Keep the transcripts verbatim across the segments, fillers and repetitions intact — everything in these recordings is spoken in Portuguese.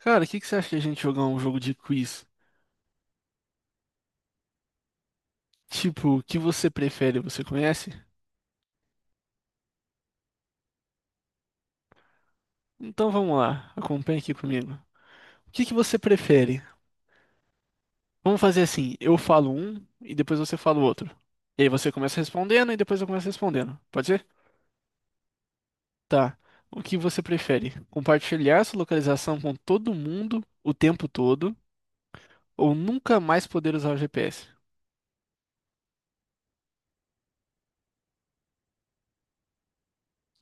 Cara, o que que você acha de a gente jogar um jogo de quiz? Tipo, o que você prefere, você conhece? Então vamos lá, acompanha aqui comigo. O que que você prefere? Vamos fazer assim, eu falo um e depois você fala o outro. E aí você começa respondendo e depois eu começo respondendo. Pode ser? Tá. O que você prefere? Compartilhar sua localização com todo mundo o tempo todo ou nunca mais poder usar o G P S?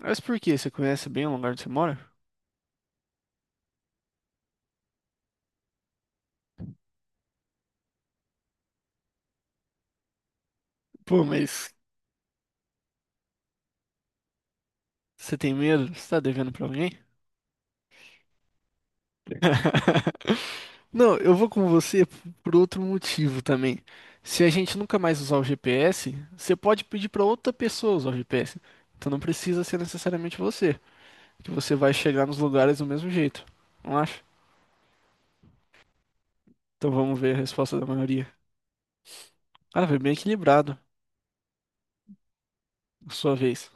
Mas por quê? Você conhece bem o lugar onde você mora? Pô, mas você tem medo? Você tá devendo pra alguém? Não, eu vou com você por outro motivo também. Se a gente nunca mais usar o G P S, você pode pedir para outra pessoa usar o G P S. Então não precisa ser necessariamente você, que você vai chegar nos lugares do mesmo jeito. Não acha? Então vamos ver a resposta da maioria. Ah, foi bem equilibrado. sua vez.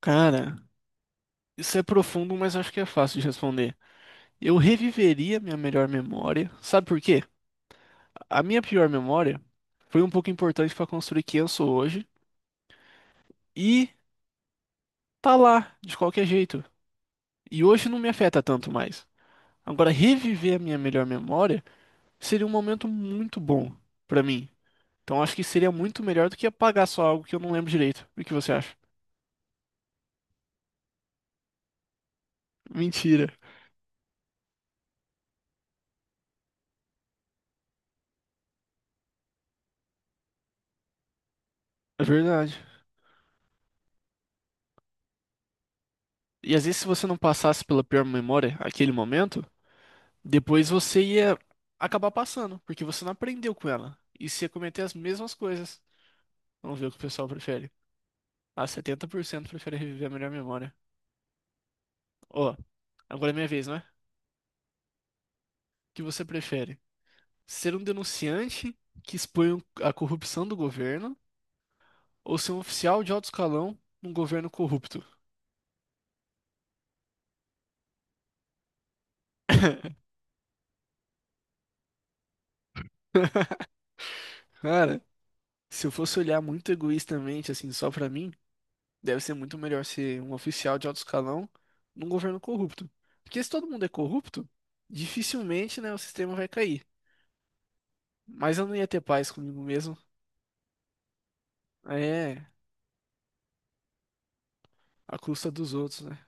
Cara, isso é profundo, mas acho que é fácil de responder. Eu reviveria minha melhor memória. Sabe por quê? A minha pior memória foi um pouco importante para construir quem eu sou hoje. E tá lá, de qualquer jeito. E hoje não me afeta tanto mais. Agora, reviver a minha melhor memória seria um momento muito bom pra mim. Então, acho que seria muito melhor do que apagar só algo que eu não lembro direito. O que você acha? Mentira. É verdade. E às vezes, se você não passasse pela pior memória, aquele momento, depois você ia acabar passando, porque você não aprendeu com ela. E você ia cometer as mesmas coisas. Vamos ver o que o pessoal prefere. Ah, setenta por cento prefere reviver a melhor memória. Ó, agora é minha vez, né? O que você prefere? Ser um denunciante que expõe a corrupção do governo ou ser um oficial de alto escalão num governo corrupto? Cara, se eu fosse olhar muito egoístamente, assim, só pra mim, deve ser muito melhor ser um oficial de alto escalão num governo corrupto. Porque se todo mundo é corrupto, dificilmente, né, o sistema vai cair. Mas eu não ia ter paz comigo mesmo. É, à custa dos outros, né?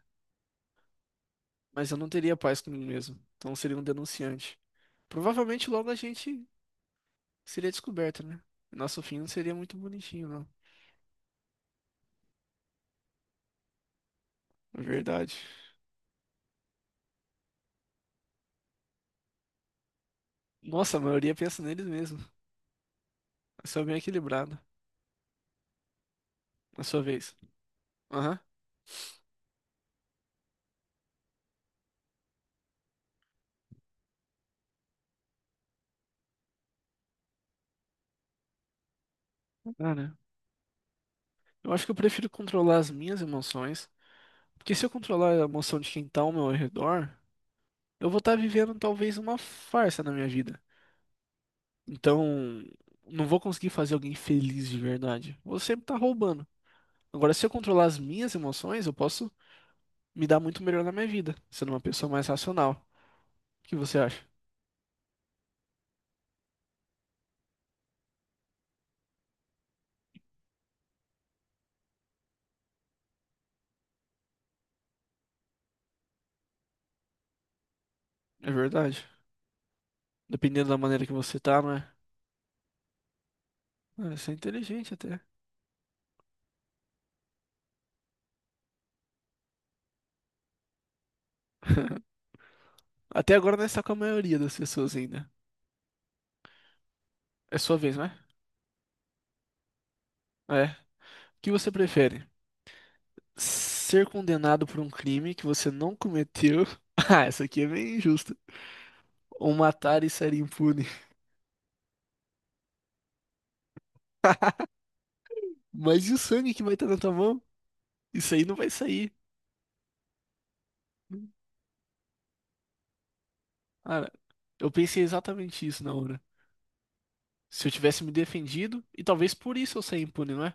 Mas eu não teria paz comigo mesmo. Então eu seria um denunciante. Provavelmente logo a gente Seria descoberto, né? Nosso fim não seria muito bonitinho, não. É verdade. Nossa, a maioria pensa neles mesmo. Eu sou bem equilibrado. Na sua vez. Aham. Ah, né? eu acho que eu prefiro controlar as minhas emoções. Porque se eu controlar a emoção de quem tá ao meu redor, eu vou estar vivendo talvez uma farsa na minha vida. Então, não vou conseguir fazer alguém feliz de verdade. Vou sempre estar roubando. Agora, se eu controlar as minhas emoções, eu posso me dar muito melhor na minha vida, sendo uma pessoa mais racional. O que você acha? É verdade? Dependendo da maneira que você tá, não é? Ah, Isso é inteligente até. Até agora não está com a maioria das pessoas ainda. É sua vez, não é? É. O que você prefere? Ser condenado por um crime que você não cometeu. Ah, essa aqui é bem injusta. Ou matar e sair impune. Mas e o sangue que vai estar na tua mão? Isso aí não vai sair. Cara, eu pensei exatamente isso na hora. Se eu tivesse me defendido, e talvez por isso eu saia impune, não é?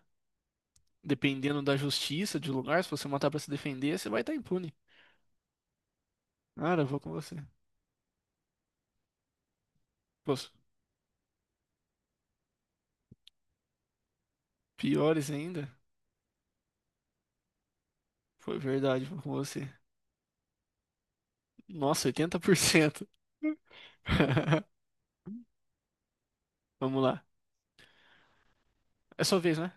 Dependendo da justiça, de lugar, se você matar pra se defender, você vai estar impune. Cara, eu vou com você. Pô, os piores ainda? Foi verdade, vou com você. Nossa, oitenta por cento. Vamos lá. É sua vez, né?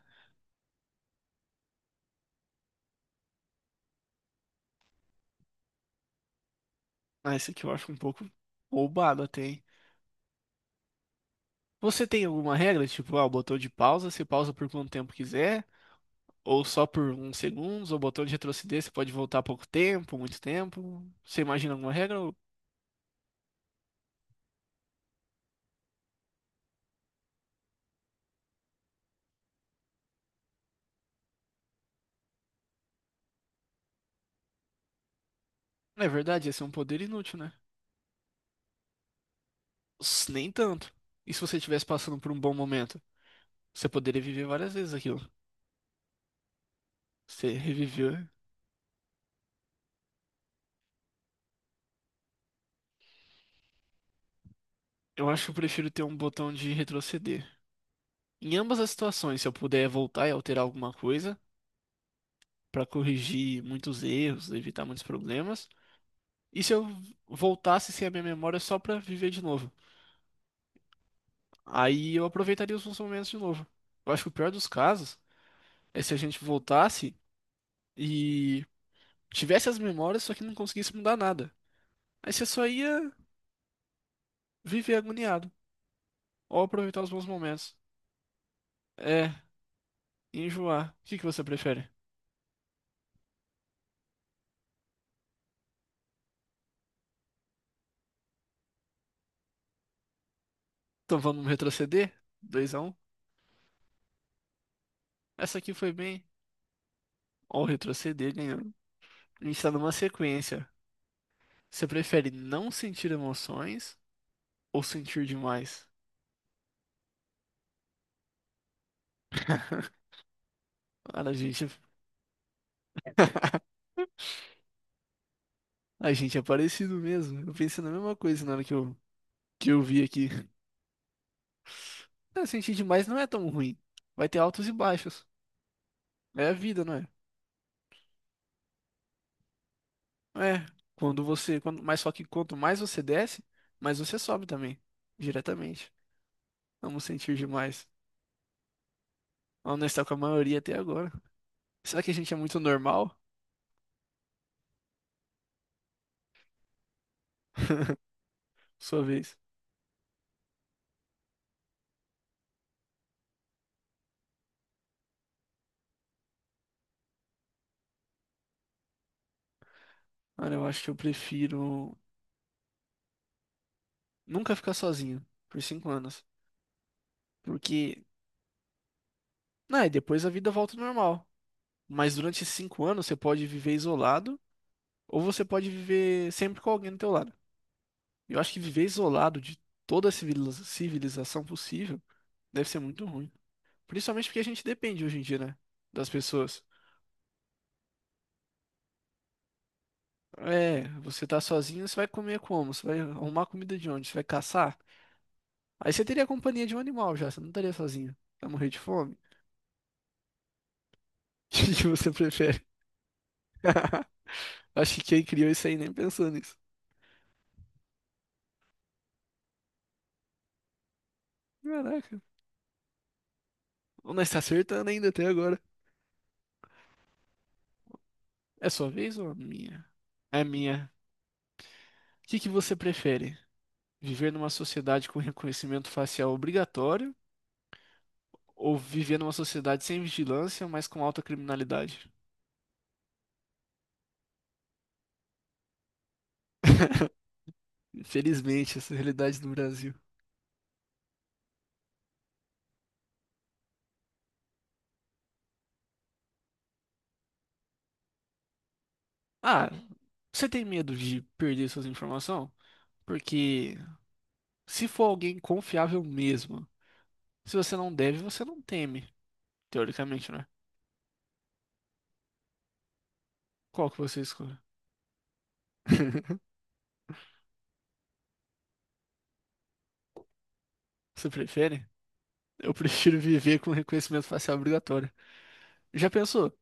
Ah, esse aqui eu acho um pouco roubado até, hein? Você tem alguma regra? Tipo, ah, o botão de pausa, você pausa por quanto tempo quiser, ou só por uns segundos, ou o botão de retroceder, você pode voltar pouco tempo, muito tempo. Você imagina alguma regra? Ou... Não é verdade, ia ser um poder inútil, né? Ups, Nem tanto. E se você estivesse passando por um bom momento? Você poderia viver várias vezes aquilo. Você reviveu, Eu acho que eu prefiro ter um botão de retroceder. Em ambas as situações, se eu puder voltar e alterar alguma coisa pra corrigir muitos erros, evitar muitos problemas. E se eu voltasse sem a minha memória só pra viver de novo? Aí eu aproveitaria os bons momentos de novo. Eu acho que o pior dos casos é se a gente voltasse e tivesse as memórias, só que não conseguisse mudar nada. Aí você só ia viver agoniado ou aproveitar os bons momentos. É, enjoar. O que que você prefere? Então vamos retroceder? Dois, x um. Essa aqui foi bem. Ó, retroceder ganhando. A gente tá numa sequência. Você prefere não sentir emoções ou sentir demais? Cara, a gente, a gente é parecido mesmo. Eu pensei na mesma coisa na hora que eu, que eu vi aqui. Ah, sentir demais não é tão ruim. Vai ter altos e baixos. É a vida, não é? É. Quando você. Quando, mas só que quanto mais você desce, mais você sobe também. Diretamente. Vamos sentir demais. Vamos estar com a maioria até agora. Será que a gente é muito normal? Sua vez. Cara, eu acho que eu prefiro nunca ficar sozinho por cinco anos. Porque, né, depois a vida volta ao normal. Mas durante esses cinco anos você pode viver isolado ou você pode viver sempre com alguém do teu lado. Eu acho que viver isolado de toda a civili- civilização possível deve ser muito ruim. Principalmente porque a gente depende hoje em dia, né? Das pessoas. É, você tá sozinho, você vai comer como? Você vai arrumar comida de onde? Você vai caçar? Aí você teria a companhia de um animal já, você não estaria sozinho. Vai morrer de fome? O que que você prefere? Acho que quem criou isso aí nem pensou nisso. Caraca. Nós tá acertando ainda até agora. É sua vez ou a minha? É a minha. O que que você prefere? Viver numa sociedade com reconhecimento facial obrigatório ou viver numa sociedade sem vigilância, mas com alta criminalidade? Infelizmente, essa é a realidade do Brasil. Ah, você tem medo de perder suas informações? Porque se for alguém confiável mesmo, se você não deve, você não teme, teoricamente, né? Qual que você escolhe? Você prefere? Eu prefiro viver com reconhecimento facial obrigatório. Já pensou?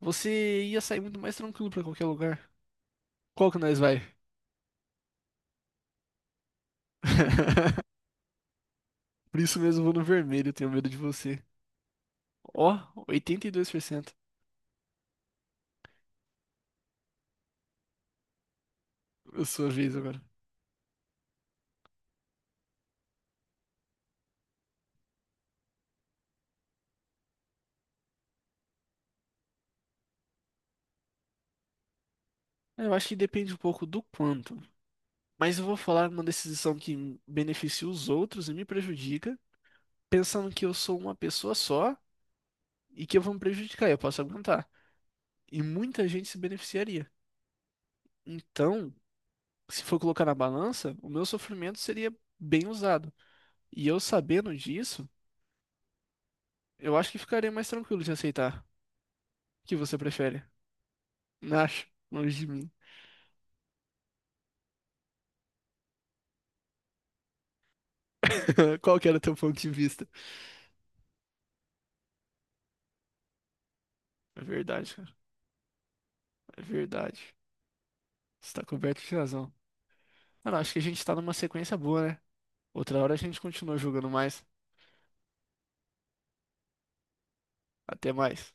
Você ia sair muito mais tranquilo pra qualquer lugar. Qual que nós vai? Por isso mesmo eu vou no vermelho, eu tenho medo de você. Ó, oitenta e dois por cento. A sua vez agora. Eu acho que depende um pouco do quanto. Mas eu vou falar uma decisão que beneficia os outros e me prejudica, pensando que eu sou uma pessoa só e que eu vou me prejudicar, eu posso aguentar. E muita gente se beneficiaria. Então, se for colocar na balança, o meu sofrimento seria bem usado. E eu sabendo disso, eu acho que ficaria mais tranquilo de aceitar. O que você prefere? Não acho, longe de mim. Qual que era o teu ponto de vista? É verdade, cara. É verdade. Você tá coberto de razão. Mano, acho que a gente tá numa sequência boa, né? Outra hora a gente continua jogando mais. Até mais.